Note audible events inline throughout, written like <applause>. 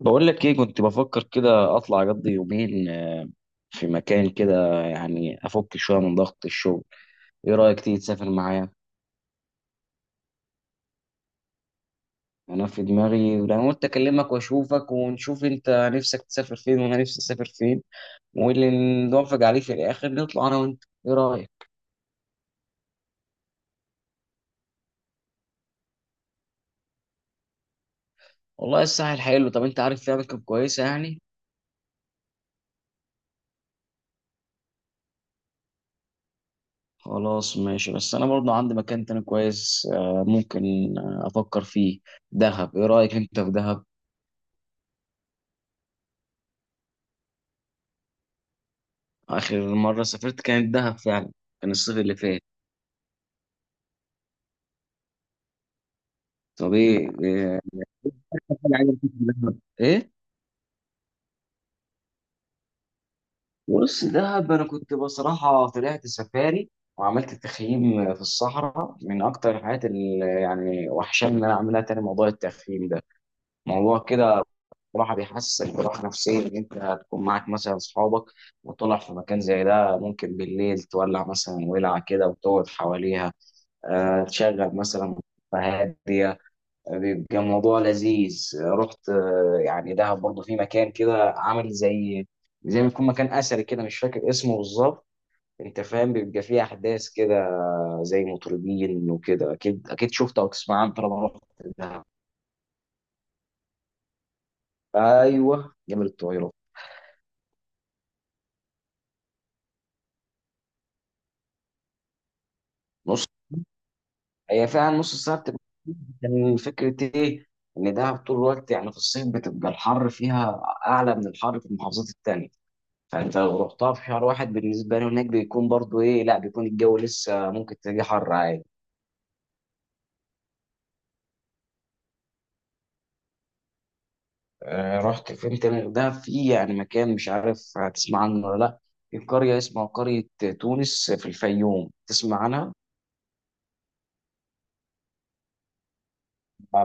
بقول لك ايه، كنت بفكر كده اطلع اقضي يومين في مكان كده يعني افك شويه من ضغط الشغل. ايه رايك تيجي تسافر معايا؟ انا في دماغي، انا قلت اكلمك واشوفك ونشوف انت نفسك تسافر فين وانا نفسي اسافر فين، واللي نوافق عليه في الاخر نطلع انا وانت. ايه رايك؟ والله الساحل حلو. طب انت عارف فيها اماكن كويسه يعني؟ خلاص ماشي، بس انا برضه عندي مكان تاني كويس ممكن افكر فيه. دهب، ايه رايك انت في دهب؟ آخر مرة سافرت كانت دهب فعلا. كان الصيف اللي فات. طب إيه؟ أكتر حاجة عجبتك في دهب؟ إيه؟ بص، دهب أنا كنت بصراحة طلعت سفاري وعملت تخييم في الصحراء. من أكتر الحاجات اللي يعني وحشاني إن أنا أعملها تاني موضوع التخييم ده، موضوع كده. بصراحة بيحسسك براحة نفسية، إن أنت هتكون معاك مثلا أصحابك وتطلع في مكان زي ده، ممكن بالليل تولع مثلا ولعة كده وتقعد حواليها تشغل مثلا هادية. بيبقى الموضوع لذيذ. رحت يعني دهب برضه في مكان كده عامل زي ما يكون مكان أثري كده، مش فاكر اسمه بالظبط. أنت فاهم، بيبقى فيه أحداث كده زي مطربين وكده. أكيد أكيد شفت أو تسمع عنه طالما رحت دهب. أيوه، جبل الطويلة. نص. هي فعلا نص الساعة بتبقى. كان فكرة إيه، إن دهب طول الوقت يعني في الصيف بتبقى الحر فيها أعلى من الحر في المحافظات التانية. فانت لو رحتها في شهر واحد بالنسبه له هناك بيكون برضو ايه، لا بيكون الجو لسه ممكن تلاقيه حر عادي. رحت فين تاني؟ ده في يعني مكان مش عارف هتسمع عنه ولا لا. في قريه اسمها قريه تونس في الفيوم، تسمع عنها؟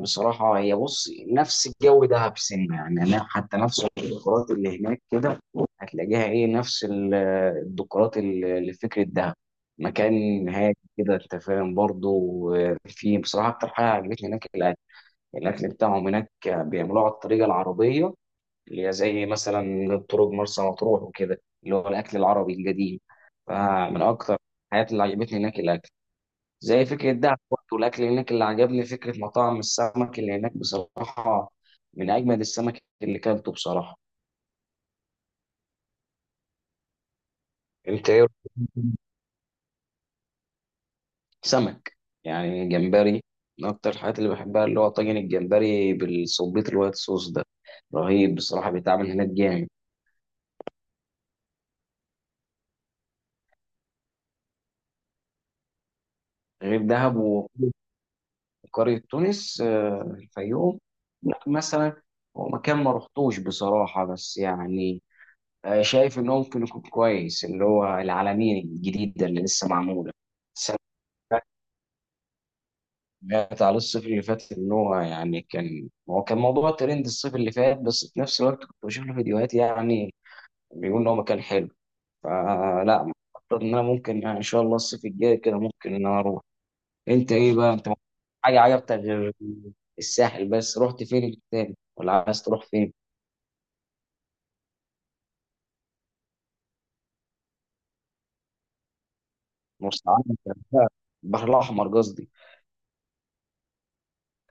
بصراحه هي بص نفس الجو دهب سنه، يعني أنا حتى نفس الديكورات اللي هناك كده هتلاقيها ايه نفس الديكورات اللي في فكره دهب. مكان هادي كده، انت فاهم برضه. في بصراحه اكتر حاجه عجبتني هناك الاكل بتاعهم هناك، بيعملوه على الطريقه العربيه اللي هي زي مثلا طرق مرسى مطروح وكده، اللي هو الاكل العربي القديم. فمن اكتر الحاجات اللي عجبتني هناك الاكل. زي فكره ده برضه الاكل هناك، اللي عجبني فكره مطاعم السمك اللي هناك بصراحه. من اجمد السمك اللي كلته بصراحه. انت ايه رأيك؟ سمك، يعني جمبري. من اكتر الحاجات اللي بحبها اللي هو طاجن الجمبري بالصبيط الوايت صوص ده، رهيب بصراحه بيتعمل هناك جامد. غير دهب، قرية تونس الفيوم. لا مثلا، هو مكان ما رحتوش بصراحة بس يعني شايف إنه ممكن يكون كويس اللي هو العلمين الجديدة اللي لسه معمولة السنة اللي فاتت على الصيف اللي فات. إن هو يعني كان موضوع ترند الصيف اللي فات، بس في نفس الوقت كنت بشوف له فيديوهات يعني بيقول إن هو مكان حلو، فلا. أعتقد إن أنا ممكن يعني إن شاء الله الصيف الجاي كده ممكن إن أنا أروح. انت ايه بقى، انت حاجه عجبتك غير الساحل؟ بس رحت فين تاني ولا عايز تروح فين؟ مرسى علم، الغردقة، البحر الاحمر قصدي.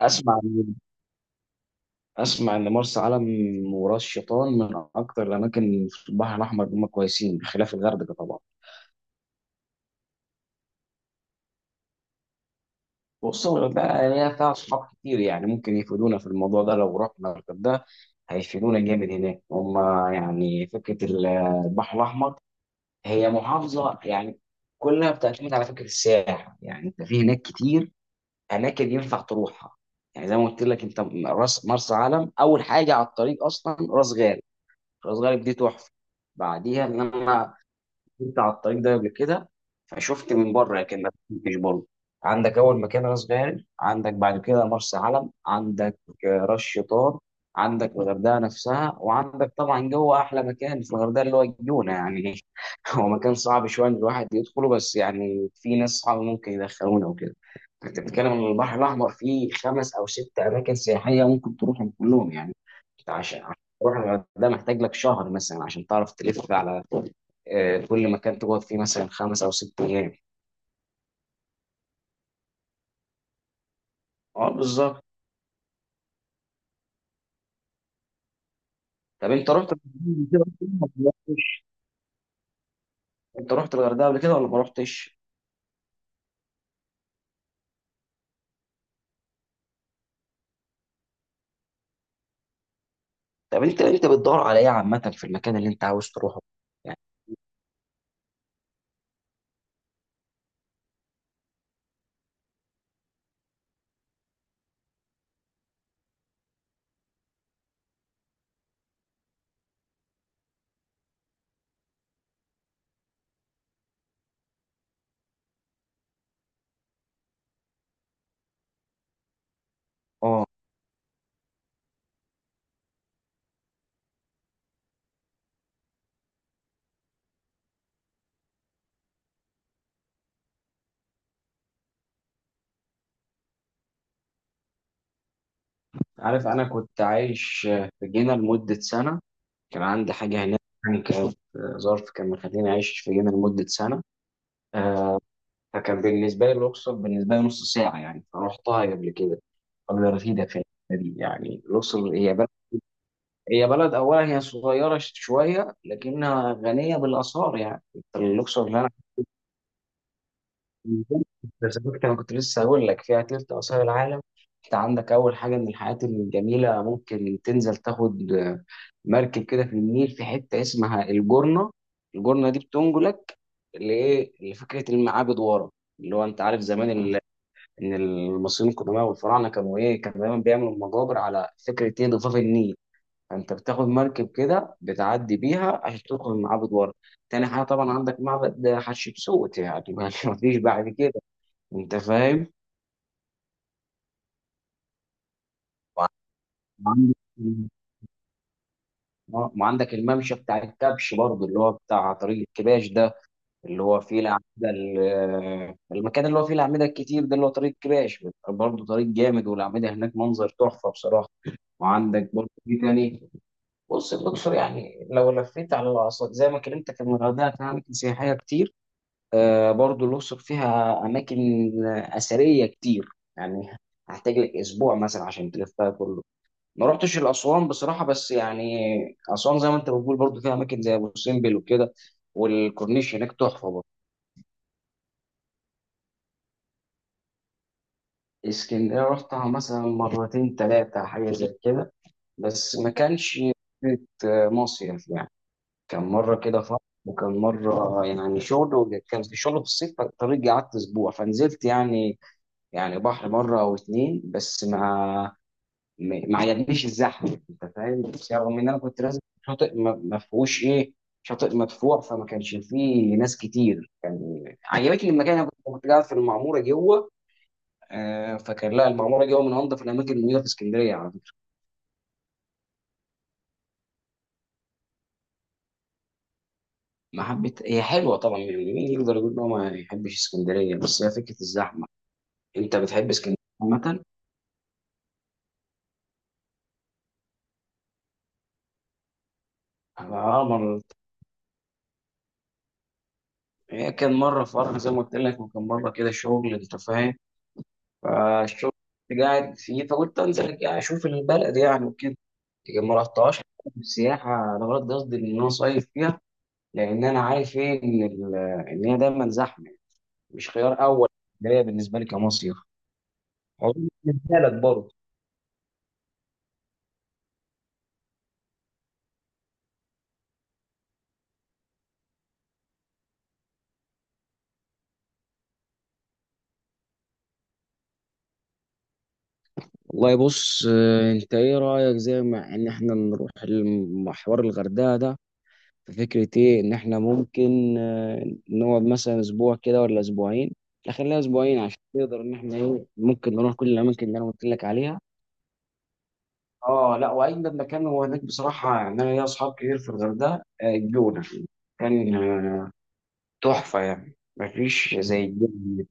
اسمع ان اسمع ان مرسى علم وراس شيطان من اكتر الاماكن في البحر الاحمر، هم كويسين بخلاف الغردقه طبعا. وخصوصا الغردقه يعني، هي فيها اصحاب كتير يعني، ممكن يفيدونا في الموضوع ده لو رحنا الغردقه. هيفيدونا جامد هناك هم. يعني فكره البحر الاحمر، هي محافظة يعني كلها بتعتمد على فكرة السياحة. يعني انت في هناك كتير اماكن ينفع تروحها. يعني زي ما قلت لك انت، راس مرسى علم اول حاجة على الطريق اصلا راس غارب. راس غارب دي تحفة. بعديها ان انا كنت على الطريق ده قبل كده فشفت من بره، لكن ما كنتش برضه. عندك اول مكان راس غارب، عندك بعد كده مرسى علم، عندك راس شيطان، عندك الغردقه نفسها، وعندك طبعا جوه احلى مكان في الغردقه اللي هو الجونه يعني <laughs> هو مكان صعب شويه ان الواحد يدخله، بس يعني في ناس صعب ممكن يدخلونا وكده. انت بتتكلم ان البحر الاحمر فيه خمس او ست اماكن سياحيه ممكن تروحهم كلهم يعني. عشان تروح الغردقه محتاج لك شهر مثلا، عشان تعرف تلف على كل مكان تقعد فيه مثلا 5 أو 6 ايام. اه، بالظبط. طب انت رحت الغردقة قبل كده ولا ما رحتش؟ انت رحت الغردقه قبل كده ولا ما رحتش؟ طب انت بتدور على ايه عامه في المكان اللي انت عاوز تروحه؟ يعني اه، عارف انا كنت عايش في جنة لمده سنه. كان عندي حاجه هناك، يعني كانت ظرف كان مخليني عايش في جنة لمده سنه. آه، فكان بالنسبه لي الاقصر بالنسبه لي نص ساعه، يعني فرحتها قبل كده قبل رفيده في الحتة دي. يعني الاقصر هي بلد أولا، هي صغيرة شوية لكنها غنية بالآثار. يعني أنت الأقصر اللي أنا، بالظبط أنا كنت لسه هقول لك فيها تلت آثار العالم. أنت عندك أول حاجة من الحاجات الجميلة، ممكن تنزل تاخد مركب كده في النيل في حتة اسمها الجرنة. الجرنة دي بتنقلك لإيه، لفكرة المعابد ورا. اللي هو أنت عارف زمان إن المصريين القدماء والفراعنة كانوا إيه، كانوا دايما بيعملوا مقابر على فكرة إيه ضفاف النيل. انت بتاخد مركب كده بتعدي بيها عشان تدخل معبد ورا. تاني حاجه طبعا عندك معبد حتشبسوت، يعني <laughs> مفيش بعد كده، انت فاهم. وعندك وعندك الممشى بتاع الكبش برضه اللي هو بتاع طريق الكباش ده. اللي هو فيه الأعمدة، المكان اللي هو فيه الأعمدة الكتير ده، اللي هو طريق الكباش برضه. طريق جامد والأعمدة هناك منظر تحفة بصراحة. وعندك برضه في تاني. بص، الأقصر يعني لو لفيت على الأقصر زي ما كلمتك إن الغردقة فيها أماكن سياحية كتير، برضو الأقصر فيها أماكن أثرية كتير يعني. هحتاج لك أسبوع مثلا عشان تلفها كله. ما رحتش الأسوان بصراحة، بس يعني أسوان زي ما أنت بتقول برضو فيها أماكن زي أبو سمبل وكده، والكورنيش هناك تحفة برضو. اسكندرية رحتها مثلا مرتين تلاتة حاجة زي كده، بس ما كانش فكرة مصيف يعني. كان مرة كده فرح، وكان مرة يعني شغل، وكان في شغل في الصيف فالطريق قعدت أسبوع فنزلت يعني، يعني بحر مرة أو اتنين، بس ما عجبنيش الزحمة، أنت فاهم. بس رغم إن أنا كنت لازم شاطئ، ما فيهوش إيه، شاطئ مدفوع فما كانش فيه ناس كتير. عجبتني المكان، أنا كنت قاعد في المعمورة جوه. فكان لا، المعمورة جوه من أنظف الأماكن الموجودة في اسكندرية على فكرة. ما حبيت، هي حلوة طبعا، يعني مين يقدر يقول إن هو ما يحبش اسكندرية، بس هي فكرة الزحمة. أنت بتحب اسكندرية عامة؟ أنا مرة- هي كان مرة فرح زي ما قلت لك، وكان مرة كده شغل، أنت فاهم. فالشغل كنت قاعد فيه فقلت انزل كده اشوف البلد يعني وكده. لكن ما رحتهاش السياحه، انا غلط قصدي ان انا صيف فيها، لان انا عارف ايه ان ان هي دايما زحمه، مش خيار اول ليا، بالنسبه لي كمصيف. أظن بالنسبه لك برضه. والله بص، انت ايه رايك زي ما ان احنا نروح المحور الغردقه ده؟ ففكرة ايه ان احنا ممكن نقعد مثلا اسبوع كده ولا اسبوعين؟ لا خليها اسبوعين عشان نقدر ان احنا ايه ممكن نروح كل الاماكن اللي انا قلت لك عليها. اه لا، واجمد مكان هو هناك بصراحة، يعني انا ليا اصحاب كتير في الغردقة الجونة كان تحفة، يعني مفيش زي الجونة.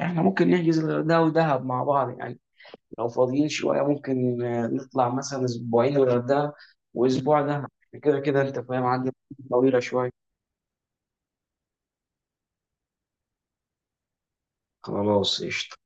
احنا ممكن نحجز الغردقة ودهب مع بعض يعني، لو فاضيين شوية ممكن نطلع مثلا اسبوعين الغردقة واسبوع دهب. كده كده انت فاهم عندي طويلة شوية. خلاص، قشطة.